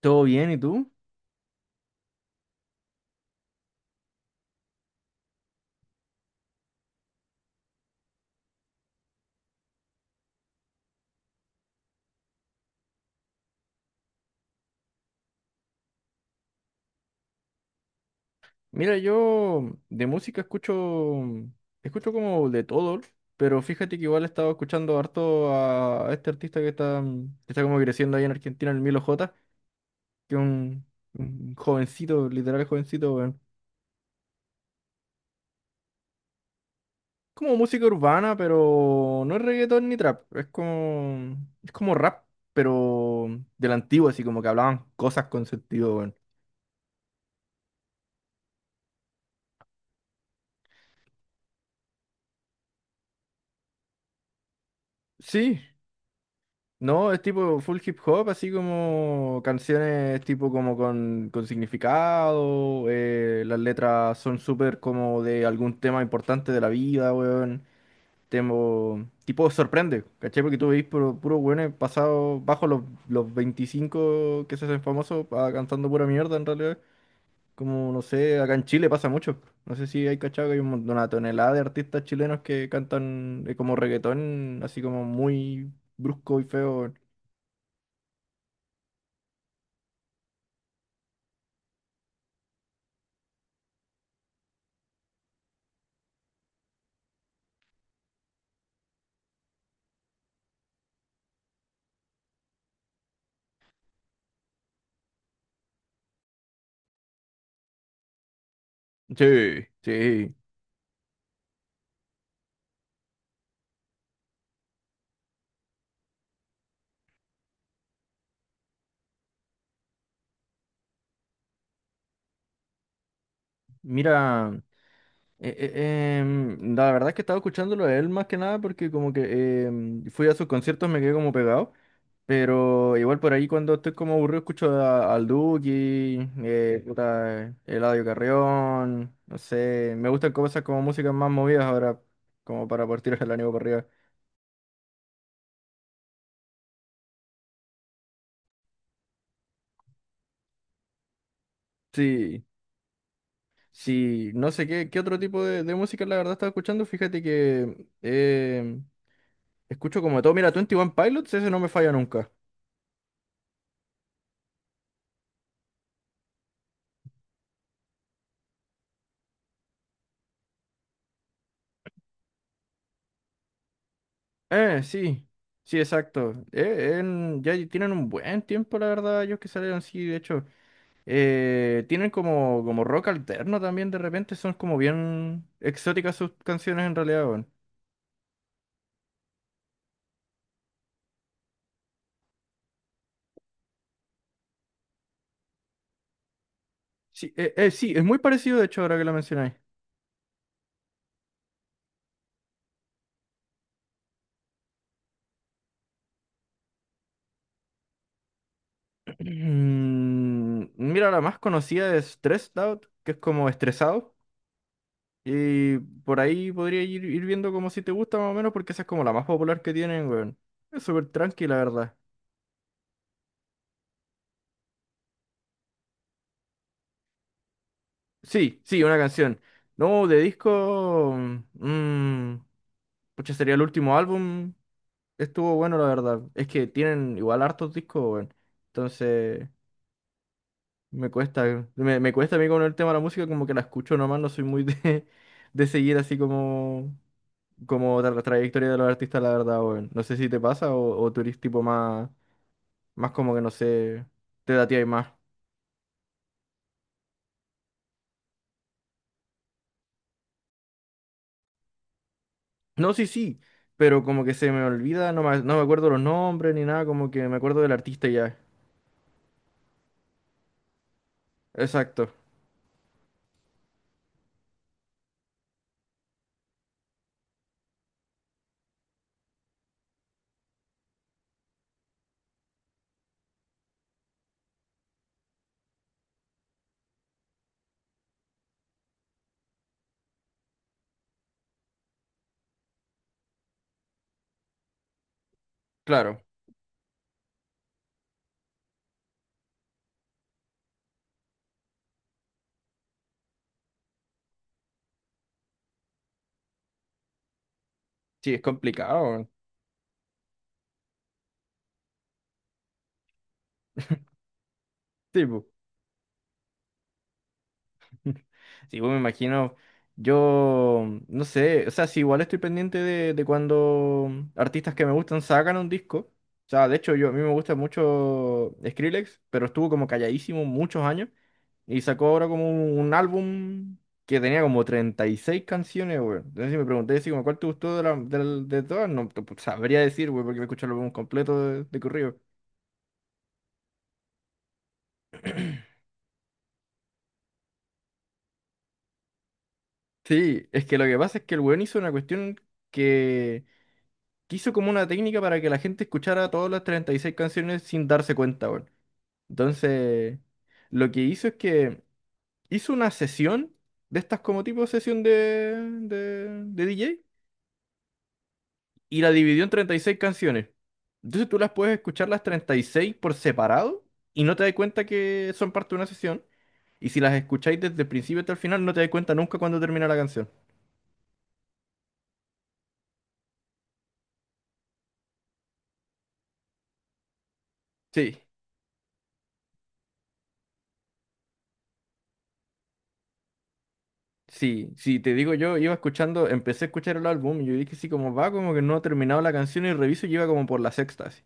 ¿Todo bien? ¿Y tú? Mira, yo de música escucho como de todo, pero fíjate que igual he estado escuchando harto a este artista que está como creciendo ahí en Argentina, el Milo J, que es un jovencito, literal jovencito, weón. Como música urbana, pero no es reggaetón ni trap, es como rap, pero de la antigua, así como que hablaban cosas con sentido, weón. Sí. No, es tipo full hip hop, así como canciones tipo como con significado, las letras son súper como de algún tema importante de la vida, weón. Temo, tipo sorprende, ¿cachai? Porque tú veis puro, puro weones pasados bajo los 25 que se hacen famosos ah, cantando pura mierda en realidad. Como, no sé, acá en Chile pasa mucho. No sé si hay cachado que hay una tonelada de artistas chilenos que cantan como reggaetón, así como muy brusco y feo. Sí, sí. Mira, la verdad es que estaba escuchándolo a él más que nada porque como que fui a sus conciertos, me quedé como pegado. Pero igual por ahí cuando estoy como aburrido escucho al Duki, puta, Eladio Carrión, no sé, me gustan cosas como músicas más movidas ahora, como para partir el ánimo para arriba. Sí, sí, no sé qué otro tipo de música la verdad estaba escuchando, fíjate que escucho como de todo. Mira, twenty one Pilots, ese no me falla nunca. Sí. Sí, exacto. Ya tienen un buen tiempo, la verdad, ellos que salieron, sí, de hecho. Tienen como rock alterno también de repente, son como bien exóticas sus canciones en realidad, weón. Sí, sí, es muy parecido, de hecho, ahora que lo mencionáis. Mira, la más conocida es Stressed Out, que es como estresado. Y por ahí podría ir viendo como si te gusta más o menos, porque esa es como la más popular que tienen, weón. Es súper tranqui, la verdad. Sí, sí, una canción. No, de disco. Mmm. Pucha, sería el último álbum. Estuvo bueno, la verdad. Es que tienen igual hartos discos, weón. Entonces, me cuesta. Me cuesta a mí con el tema de la música, como que la escucho nomás, no soy muy de, de seguir así como. Como la trayectoria de los artistas, la verdad, weón. No sé si te pasa o tú eres tipo más. Más como que no sé, te da más. No, sí, sí, pero como que se me olvida, no me acuerdo los nombres ni nada, como que me acuerdo del artista y ya. Exacto, claro. Sí, es complicado. tipo sí, pues me imagino, yo no sé, o sea, si igual estoy pendiente de cuando artistas que me gustan sacan un disco. O sea, de hecho, yo a mí me gusta mucho Skrillex, pero estuvo como calladísimo muchos años y sacó ahora como un álbum que tenía como 36 canciones, güey. Entonces, si me pregunté si como cuál te gustó de, la- del- de todas, no te- pues, sabría decir, güey, porque me escuché el álbum completo de corrido. Sí, es que lo que pasa es que el weón hizo una cuestión que que hizo como una técnica para que la gente escuchara todas las 36 canciones sin darse cuenta, weón. Entonces, lo que hizo es que hizo una sesión de estas como tipo sesión de DJ y la dividió en 36 canciones. Entonces tú las puedes escuchar las 36 por separado y no te das cuenta que son parte de una sesión. Y si las escucháis desde el principio hasta el final, no te das cuenta nunca cuando termina la canción. Sí. Sí, sí, te digo, yo iba escuchando, empecé a escuchar el álbum y yo dije, sí, como va, como que no he terminado la canción y reviso y iba como por la sexta, así.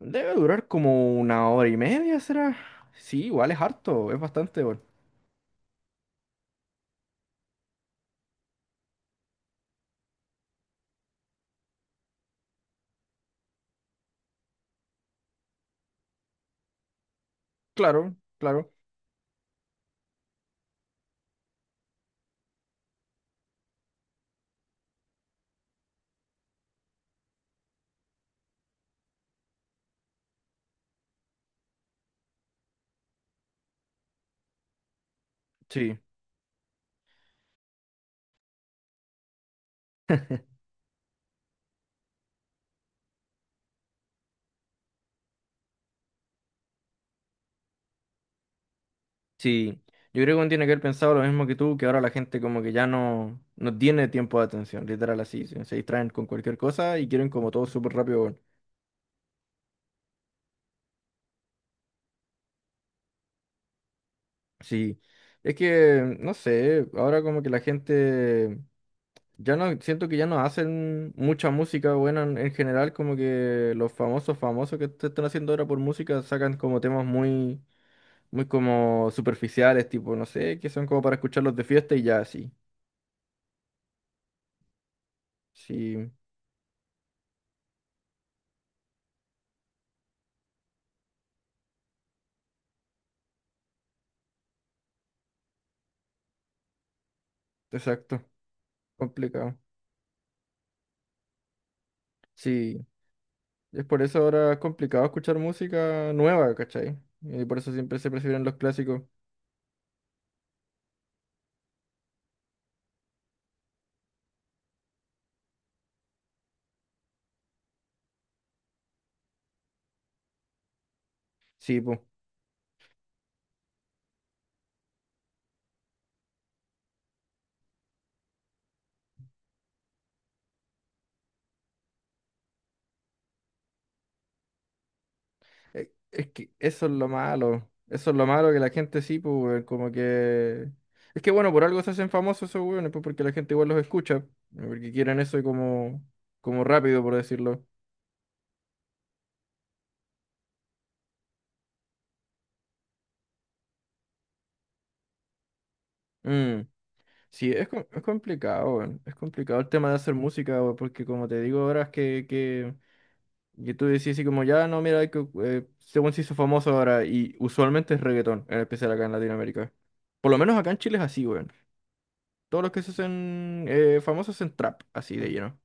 Debe durar como una hora y media, ¿será? Sí, igual es harto, es bastante bueno. Claro, claro, sí, sí. Yo creo que uno tiene que haber pensado lo mismo que tú, que ahora la gente como que ya no, no tiene tiempo de atención, literal así, se distraen con cualquier cosa y quieren como todo súper rápido, bueno. Sí, es que, no sé, ahora como que la gente... Ya no, siento que ya no hacen mucha música buena en general, como que los famosos famosos que te están haciendo ahora por música sacan como temas muy, muy como superficiales, tipo, no sé, que son como para escucharlos de fiesta y ya, sí. Sí, exacto, complicado. Sí, es por eso ahora es complicado escuchar música nueva, ¿cachai? Y por eso siempre se prefieren los clásicos. Sí, po. Es que eso es lo malo. Eso es lo malo que la gente sí, pues, weón, como que. Es que bueno, por algo se hacen famosos esos weones, pues porque la gente igual los escucha. Porque quieren eso como rápido, por decirlo. Mm, sí, es, es complicado, weón, es complicado el tema de hacer música, weón, porque como te digo ahora es que, tú decís así como, ya no, mira, hay que, según se hizo famoso ahora, y usualmente es reggaetón, en especial acá en Latinoamérica. Por lo menos acá en Chile es así, weón. Todos los que se hacen famosos en trap, así de lleno.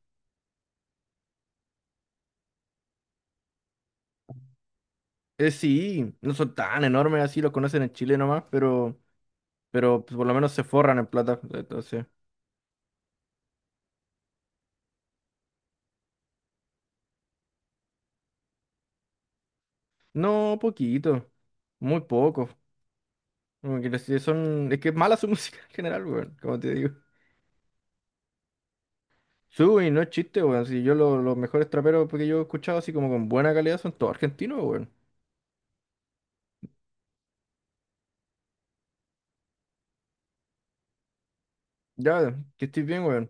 Sí, no son tan enormes así, los conocen en Chile nomás, pero pues, por lo menos se forran en plata. Entonces, no, poquito, muy poco. Como que es que es mala su música en general, weón, como te digo. Sui, no es chiste, weón. Si yo los mejores traperos que yo he escuchado así como con buena calidad son todos argentinos, weón. Ya, que estés bien, weón.